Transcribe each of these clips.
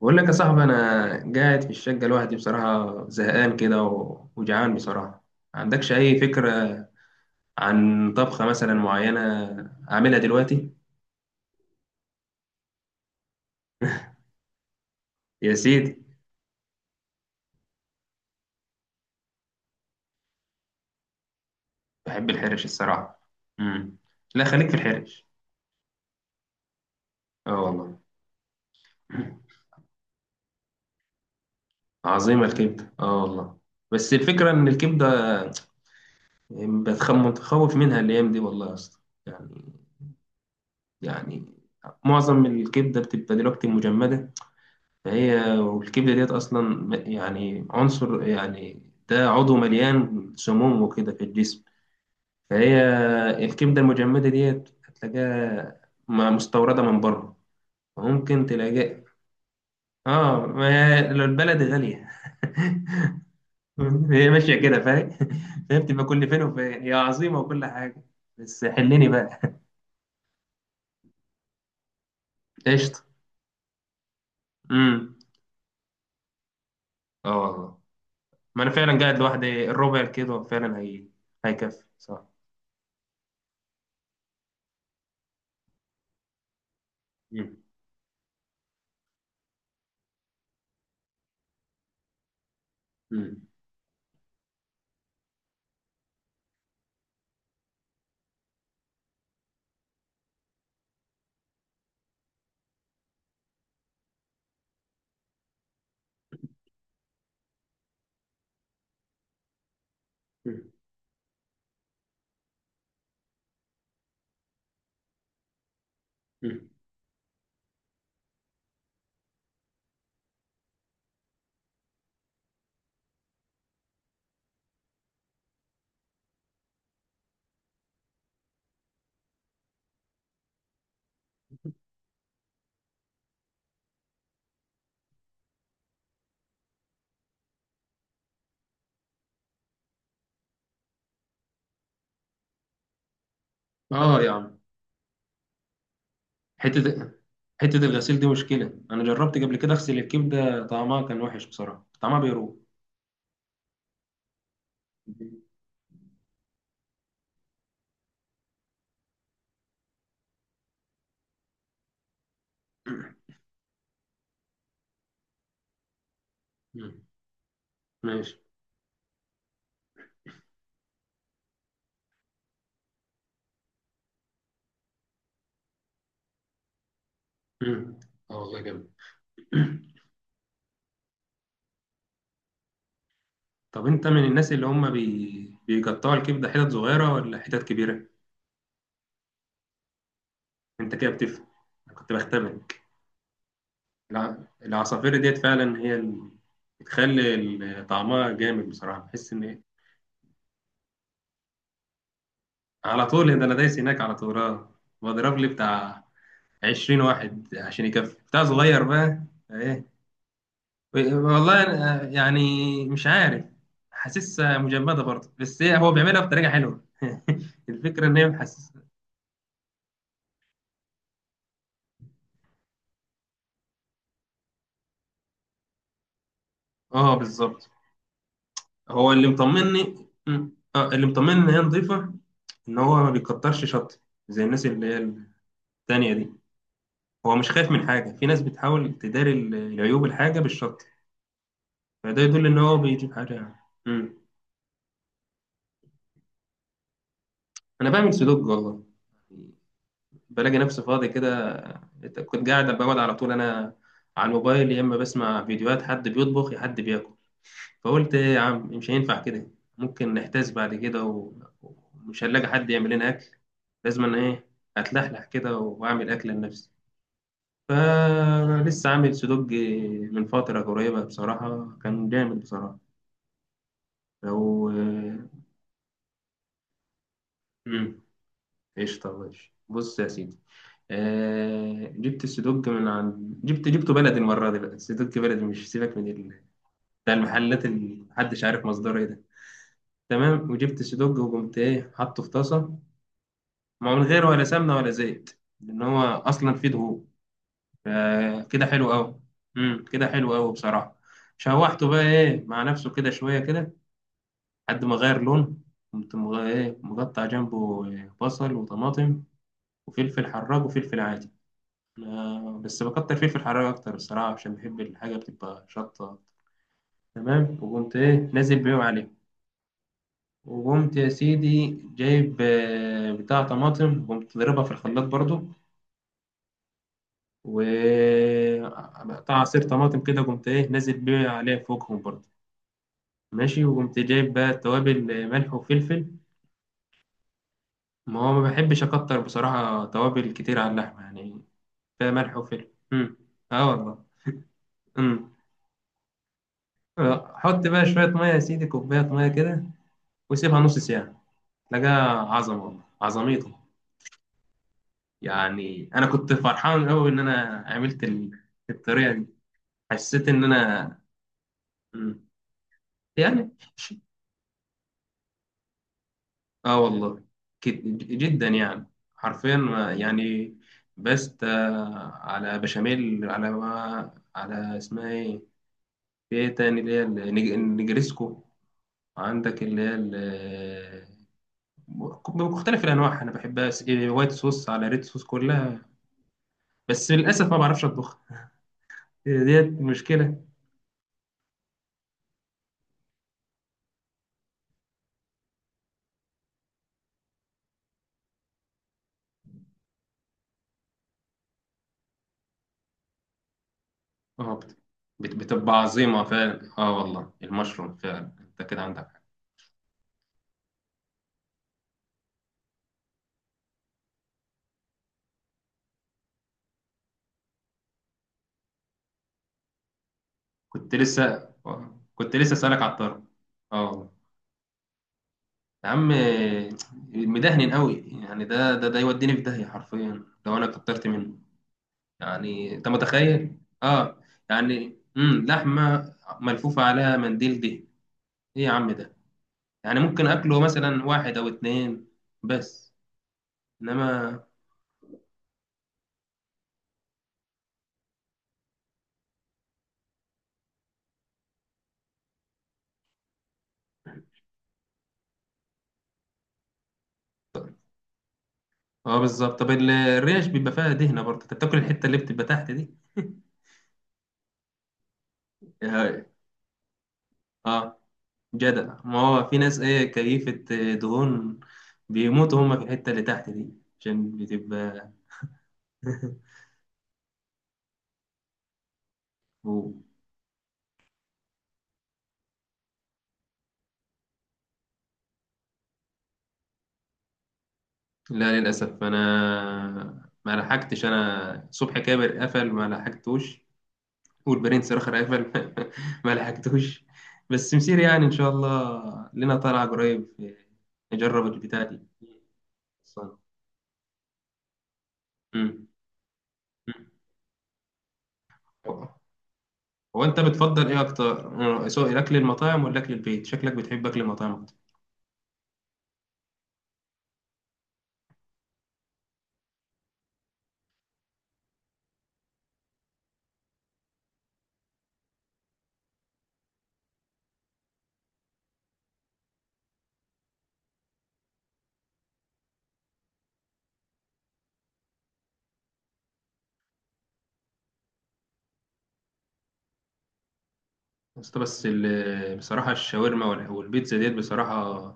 بقول لك يا صاحبي، انا قاعد في الشقه لوحدي بصراحه، زهقان كده وجعان بصراحه. ما عندكش اي فكره عن طبخه مثلا معينه اعملها دلوقتي؟ يا سيدي. بحب الحرش الصراحه. امم لا، خليك في الحرش. اه والله. عظيمه الكبده، اه والله. بس الفكره ان الكبده بتخم، متخوف منها الايام دي والله يا اسطى. يعني يعني معظم الكبده بتبقى دلوقتي مجمده، فهي والكبدة ديت أصلا يعني عنصر، يعني ده عضو مليان سموم وكده في الجسم. فهي الكبدة المجمدة ديت هتلاقيها مستوردة من بره، ممكن تلاقي. اه، ما هي لو البلد غالية. هي ماشية كده، فاهم. فهي بتبقى كل فين وفين هي عظيمة وكل حاجة، بس حلني بقى. قشطة. امم اه والله، ما انا فعلا قاعد لوحدي، الربع كده فعلا هي هيكفي، صح. مم. مم. مم. اه يا عم. حته حته الغسيل دي مشكله، انا جربت قبل كده اغسل الكبده، طعمها كان وحش بصراحه، طعمها بيروح. مم. ماشي. مم. اه والله، جامد. طب انت من الناس اللي هم بيقطعوا الكبده حتت صغيره ولا حتت كبيره؟ انت كده بتفهم. أنا كنت بختبرك. الع... العصافير ديت فعلا هي اللي بتخلي طعمها جامد بصراحه، بحس ان إيه؟ على طول. ده انا دايس هناك على طول، اه، بضرب لي بتاع 20 واحد عشان يكفي، بتاع صغير بقى. ايه. والله أنا يعني مش عارف، حاسسها مجمدة برضه، بس هو بيعملها بطريقة حلوة. الفكرة ان هي بحسس. اه بالظبط. هو اللي مطمني. م. اه، اللي مطمني ان هي نظيفة، ان هو ما بيكترش شط زي الناس اللي هي التانية دي، هو مش خايف من حاجة. في ناس بتحاول تداري العيوب الحاجة بالشط، فده يدل ان هو بيجيب حاجة يعني. م. انا بعمل سلوك والله. بلاقي نفسي فاضي كده، كنت قاعد بقعد على طول انا على الموبايل، يا اما بسمع فيديوهات حد بيطبخ يا حد بياكل. فقلت ايه يا عم، مش هينفع كده، ممكن نحتاس بعد كده ومش هنلاقي حد يعمل لنا اكل، لازم انا ايه اتلحلح كده واعمل اكل لنفسي. فلسه عامل سدوج من فترة قريبة، بصراحة كان جامد بصراحة. لو مم، قشطة ماشي، بص يا سيدي. آه جبت السدوج من عند، جبته بلدي المرة دي بقى، السدوج بلدي مش سيبك من بتاع المحلات اللي محدش عارف مصدره ايه ده. تمام. وجبت السدوج وقمت ايه حاطه في طاسة، ما من غير ولا سمنة ولا زيت لأن هو أصلا فيه دهون، فكده حلو أوي. كده حلو أوي بصراحة. شوحته بقى ايه مع نفسه كده شوية كده لحد ما غير لون، قمت ايه مقطع جنبه بصل وطماطم وفلفل حراج وفلفل عادي. بس بكتر فيه في الحرارة أكتر الصراحة عشان بحب الحاجة بتبقى شطة. تمام. وقمت إيه نازل بيهم عليه، وقمت يا سيدي جايب بتاع طماطم وقمت ضربها في الخلاط برضو، وقطع عصير طماطم كده قمت إيه نازل بيه عليه فوقهم برضو. ماشي. وقمت جايب بقى توابل، ملح وفلفل، ما هو ما بحبش أكتر بصراحة توابل كتير على اللحمة يعني، فيها ملح وفلفل. أه والله. أمم حط بقى شوية مية يا سيدي، كوباية مية كده، وسيبها نص ساعة. لقاها عظمة والله، عظميته يعني. أنا كنت فرحان أوي إن أنا عملت الطريقة دي، حسيت إن أنا. مم. يعني. آه والله جدا يعني، حرفيا يعني بست على بشاميل، على، ما على اسمها إيه؟ في إيه تاني اللي هي النجريسكو؟ عندك اللي هي بمختلف الأنواع، أنا بحبها وايت صوص على ريد صوص كلها. بس للأسف ما بعرفش أطبخ، هي ديت مشكلة. اه بتبقى عظيمة فعلا، اه والله، المشروم فعلا انت كده عندك حق. كنت لسه كنت لسه اسألك على الطرب. اه والله. يا عم، مدهن قوي يعني، ده يوديني في داهية حرفيا لو انا كترت منه. يعني انت متخيل، اه يعني لحمة ملفوفة عليها منديل دهن، ايه يا عم ده، يعني ممكن اكله مثلا واحد او اتنين بس، انما. اه بالظبط. طب الريش بيبقى فيها دهنه برضه، انت بتاكل الحته اللي بتبقى تحت دي؟ اه. آه، جدع. ما هو في ناس ايه كيفه دهون، بيموتوا هم في الحته اللي تحت دي عشان بتبقى. و- لا للاسف، انا ما لحقتش، انا صبح كابر قفل ما لحقتوش، والبرنس الاخر قفل. ما لحقتوش، بس مسير يعني ان شاء الله لنا طالعه قريب نجرب البتاع دي. خلصان. مم. مم. هو انت بتفضل ايه اكتر؟ سواء الاكل المطاعم ولا اكل البيت، شكلك بتحب اكل المطاعم اكتر. بس بصراحه الشاورما والبيتزا ديت بصراحه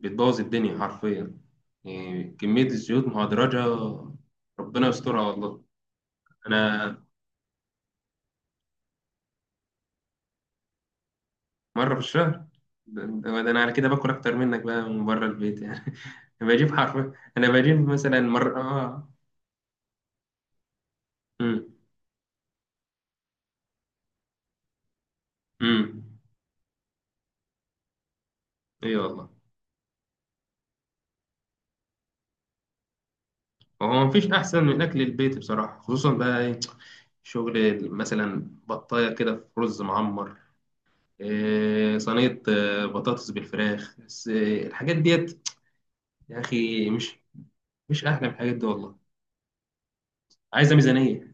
بتبوظ الدنيا حرفيا، يعني كميه الزيوت مهدرجه ربنا يسترها والله. انا مره في الشهر؟ ده ده انا على كده باكل اكتر منك بقى من بره البيت يعني. بجيب حرفيا انا بجيب مثلا مره، اه. امم امم اي والله. هو مفيش أحسن من أكل البيت بصراحة، خصوصا بقى إيه، شغل مثلا بطاية كده في رز معمر، إيه صينية، بطاطس بالفراخ، بس إيه الحاجات ديت يا أخي، مش أحلى من الحاجات دي والله. عايزة ميزانية.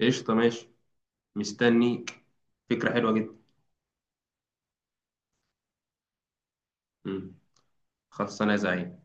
قشطة ماشي، مستنيك، فكرة حلوة جدا. مم. خلاص، أنا زعيم.